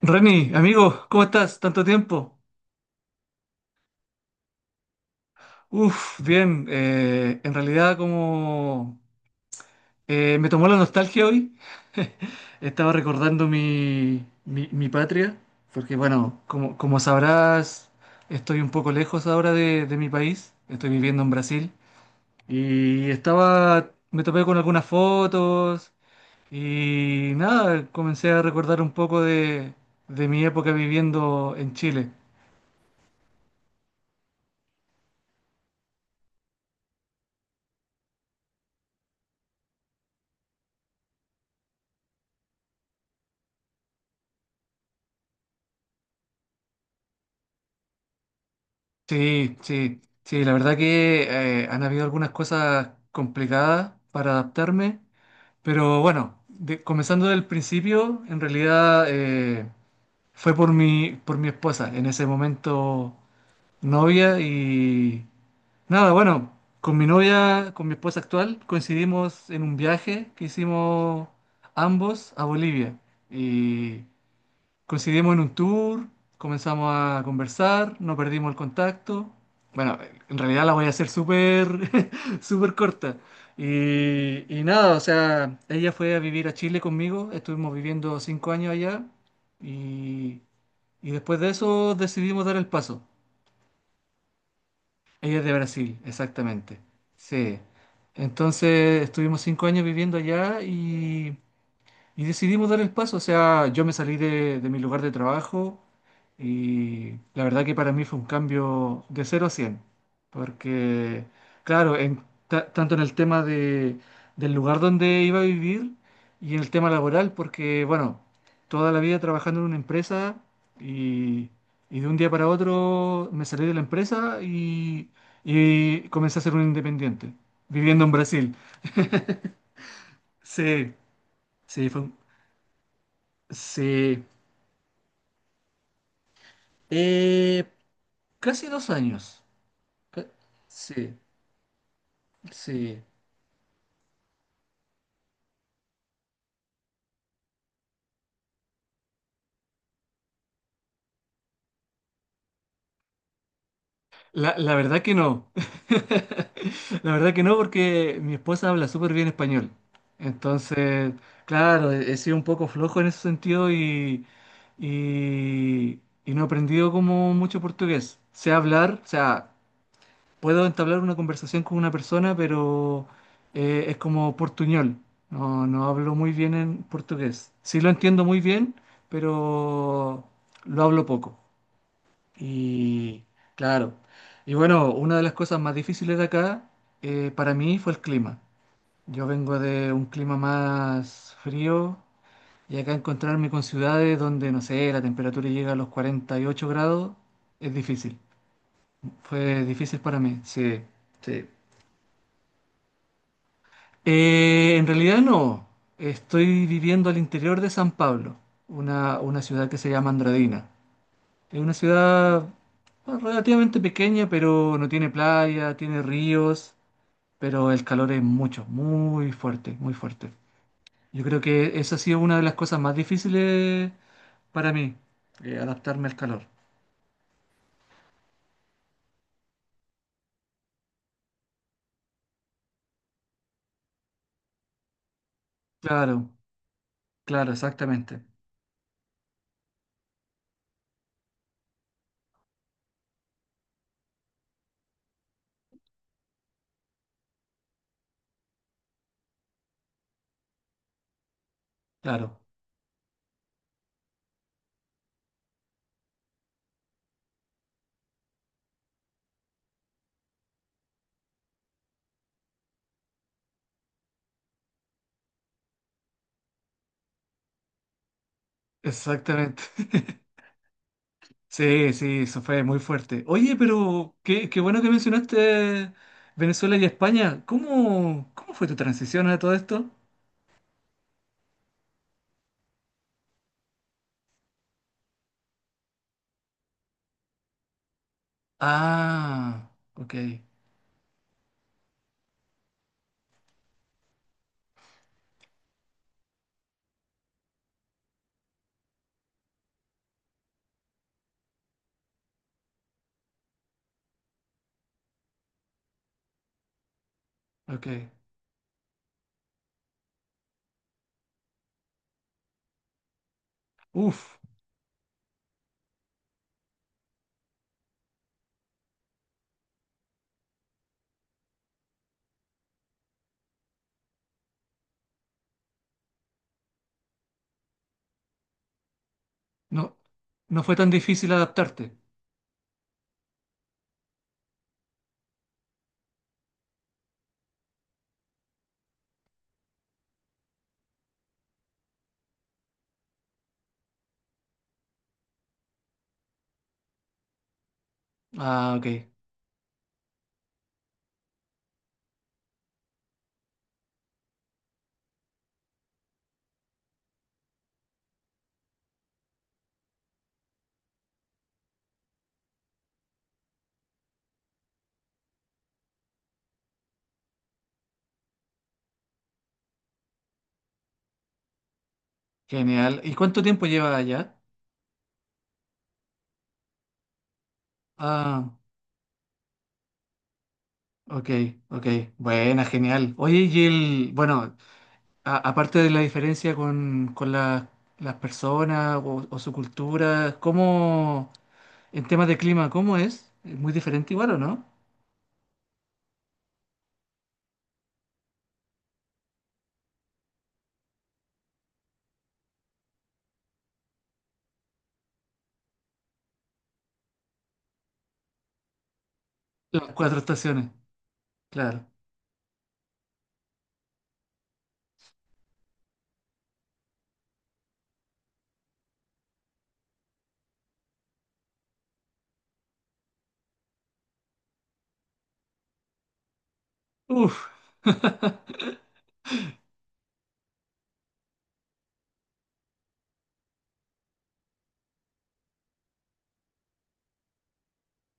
Reni, amigo, ¿cómo estás? Tanto tiempo. Uf, bien. En realidad, como me tomó la nostalgia hoy, estaba recordando mi patria, porque bueno, como, como sabrás, estoy un poco lejos ahora de mi país, estoy viviendo en Brasil, y estaba, me topé con algunas fotos y nada, comencé a recordar un poco de mi época viviendo en Chile. Sí, sí, sí, la verdad que han habido algunas cosas complicadas para adaptarme, pero bueno, comenzando del principio, en realidad fue por mi esposa, en ese momento novia y nada, bueno, con mi novia, con mi esposa actual, coincidimos en un viaje que hicimos ambos a Bolivia y. Coincidimos en un tour, comenzamos a conversar, no perdimos el contacto. Bueno, en realidad la voy a hacer súper, súper corta. Y nada, o sea, ella fue a vivir a Chile conmigo, estuvimos viviendo 5 años allá y, y después de eso decidimos dar el paso. Ella es de Brasil, exactamente. Sí. Entonces estuvimos 5 años viviendo allá y... Y decidimos dar el paso, o sea, yo me salí de mi lugar de trabajo y la verdad que para mí fue un cambio de cero a 100 porque claro, en tanto en el tema de, del lugar donde iba a vivir y en el tema laboral, porque bueno, toda la vida trabajando en una empresa y, y de un día para otro me salí de la empresa y comencé a ser un independiente, viviendo en Brasil. Sí, sí, sí. Eh, casi 2 años. Ca- Sí, sí. La verdad que no. La verdad que no, porque mi esposa habla súper bien español. Entonces, claro, he sido un poco flojo en ese sentido y no he aprendido como mucho portugués. Sé hablar, o sea, puedo entablar una conversación con una persona, pero es como portuñol. No, no hablo muy bien en portugués. Sí lo entiendo muy bien, pero lo hablo poco. Y claro. Y bueno, una de las cosas más difíciles de acá para mí fue el clima. Yo vengo de un clima más frío y acá encontrarme con ciudades donde, no sé, la temperatura llega a los 48 grados es difícil. Fue difícil para mí, sí, sí. En realidad no. Estoy viviendo al interior de San Pablo, una ciudad que se llama Andradina. Es una ciudad bueno, relativamente pequeña, pero no tiene playa, tiene ríos, pero el calor es mucho, muy fuerte, muy fuerte. Yo creo que esa ha sido una de las cosas más difíciles para mí, adaptarme al calor. Claro, claro, exactamente. Claro, exactamente. Sí, sí, eso fue muy fuerte. Oye, pero qué, qué bueno que mencionaste Venezuela y España. ¿Cómo, cómo fue tu transición a todo esto? Ah, ok, ok. Uf, no, no fue tan difícil adaptarte. Ah, ok, genial. ¿Y cuánto tiempo llevas allá? Ah, ok, ok. Buena, genial. Oye, y el, bueno, aparte de la diferencia con, con las personas o su cultura, ¿cómo... En temas de clima, ¿cómo es? ¿Es muy diferente igual o no? Las cuatro estaciones, claro. Uf.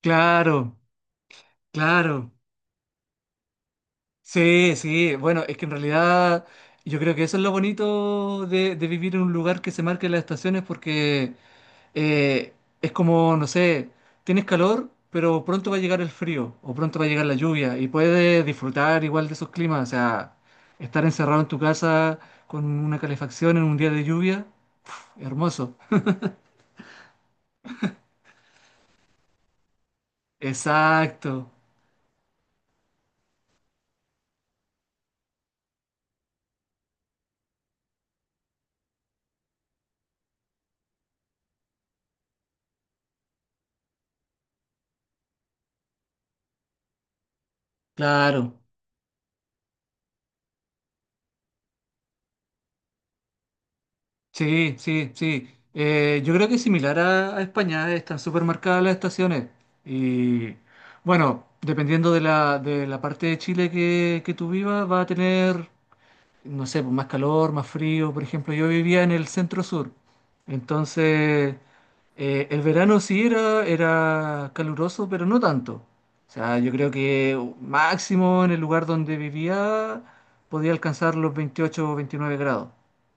Claro, claro. Sí, sí. Bueno, es que en realidad yo creo que eso es lo bonito de vivir en un lugar que se marque las estaciones porque eh, es como, no sé, tienes calor, pero pronto va a llegar el frío o pronto va a llegar la lluvia y puedes disfrutar igual de esos climas. O sea, estar encerrado en tu casa con una calefacción en un día de lluvia, hermoso. Exacto, claro. Sí, sí, sí. Yo creo que similar a España, están súper marcadas las estaciones. Y bueno, dependiendo de la parte de Chile que tú vivas, va a tener. No sé, pues, más calor, más frío. Por ejemplo, yo vivía en el centro sur, entonces el verano sí era, era caluroso, pero no tanto. O sea, yo creo que máximo en el lugar donde vivía podía alcanzar los 28 o 29 grados.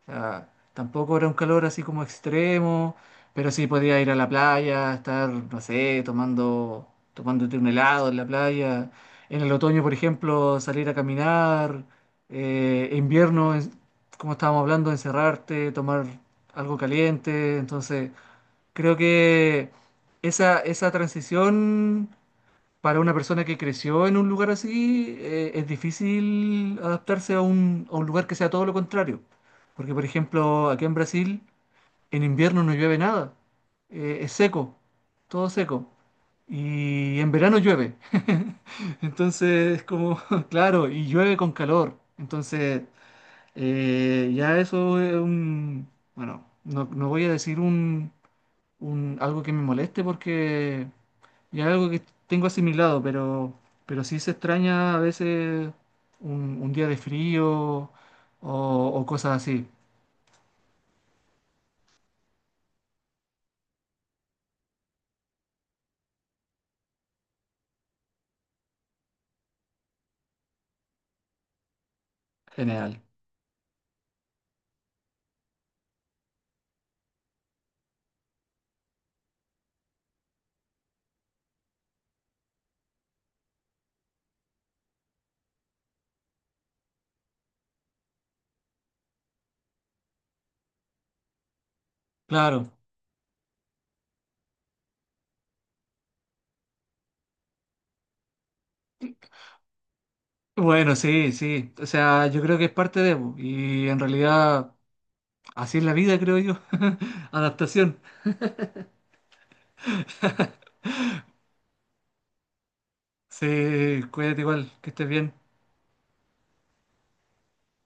O sea, tampoco era un calor así como extremo, pero sí podía ir a la playa, estar, no sé, tomando, tomándote un helado en la playa. En el otoño, por ejemplo, salir a caminar, invierno, como estábamos hablando, encerrarte, tomar algo caliente. Entonces, creo que esa transición para una persona que creció en un lugar así, es difícil adaptarse a un lugar que sea todo lo contrario. Porque, por ejemplo, aquí en Brasil, en invierno no llueve nada. Es seco, todo seco. Y en verano llueve. Entonces, es como, claro, y llueve con calor. Entonces... ya eso es un, bueno, no, no voy a decir un, algo que me moleste porque ya es algo que tengo asimilado, pero sí se extraña a veces un día de frío o cosas así, general. Claro. Bueno, sí, sí. O sea, yo creo que es parte de, po, y en realidad así es la vida, creo yo. Adaptación. Sí, cuídate igual, que estés bien.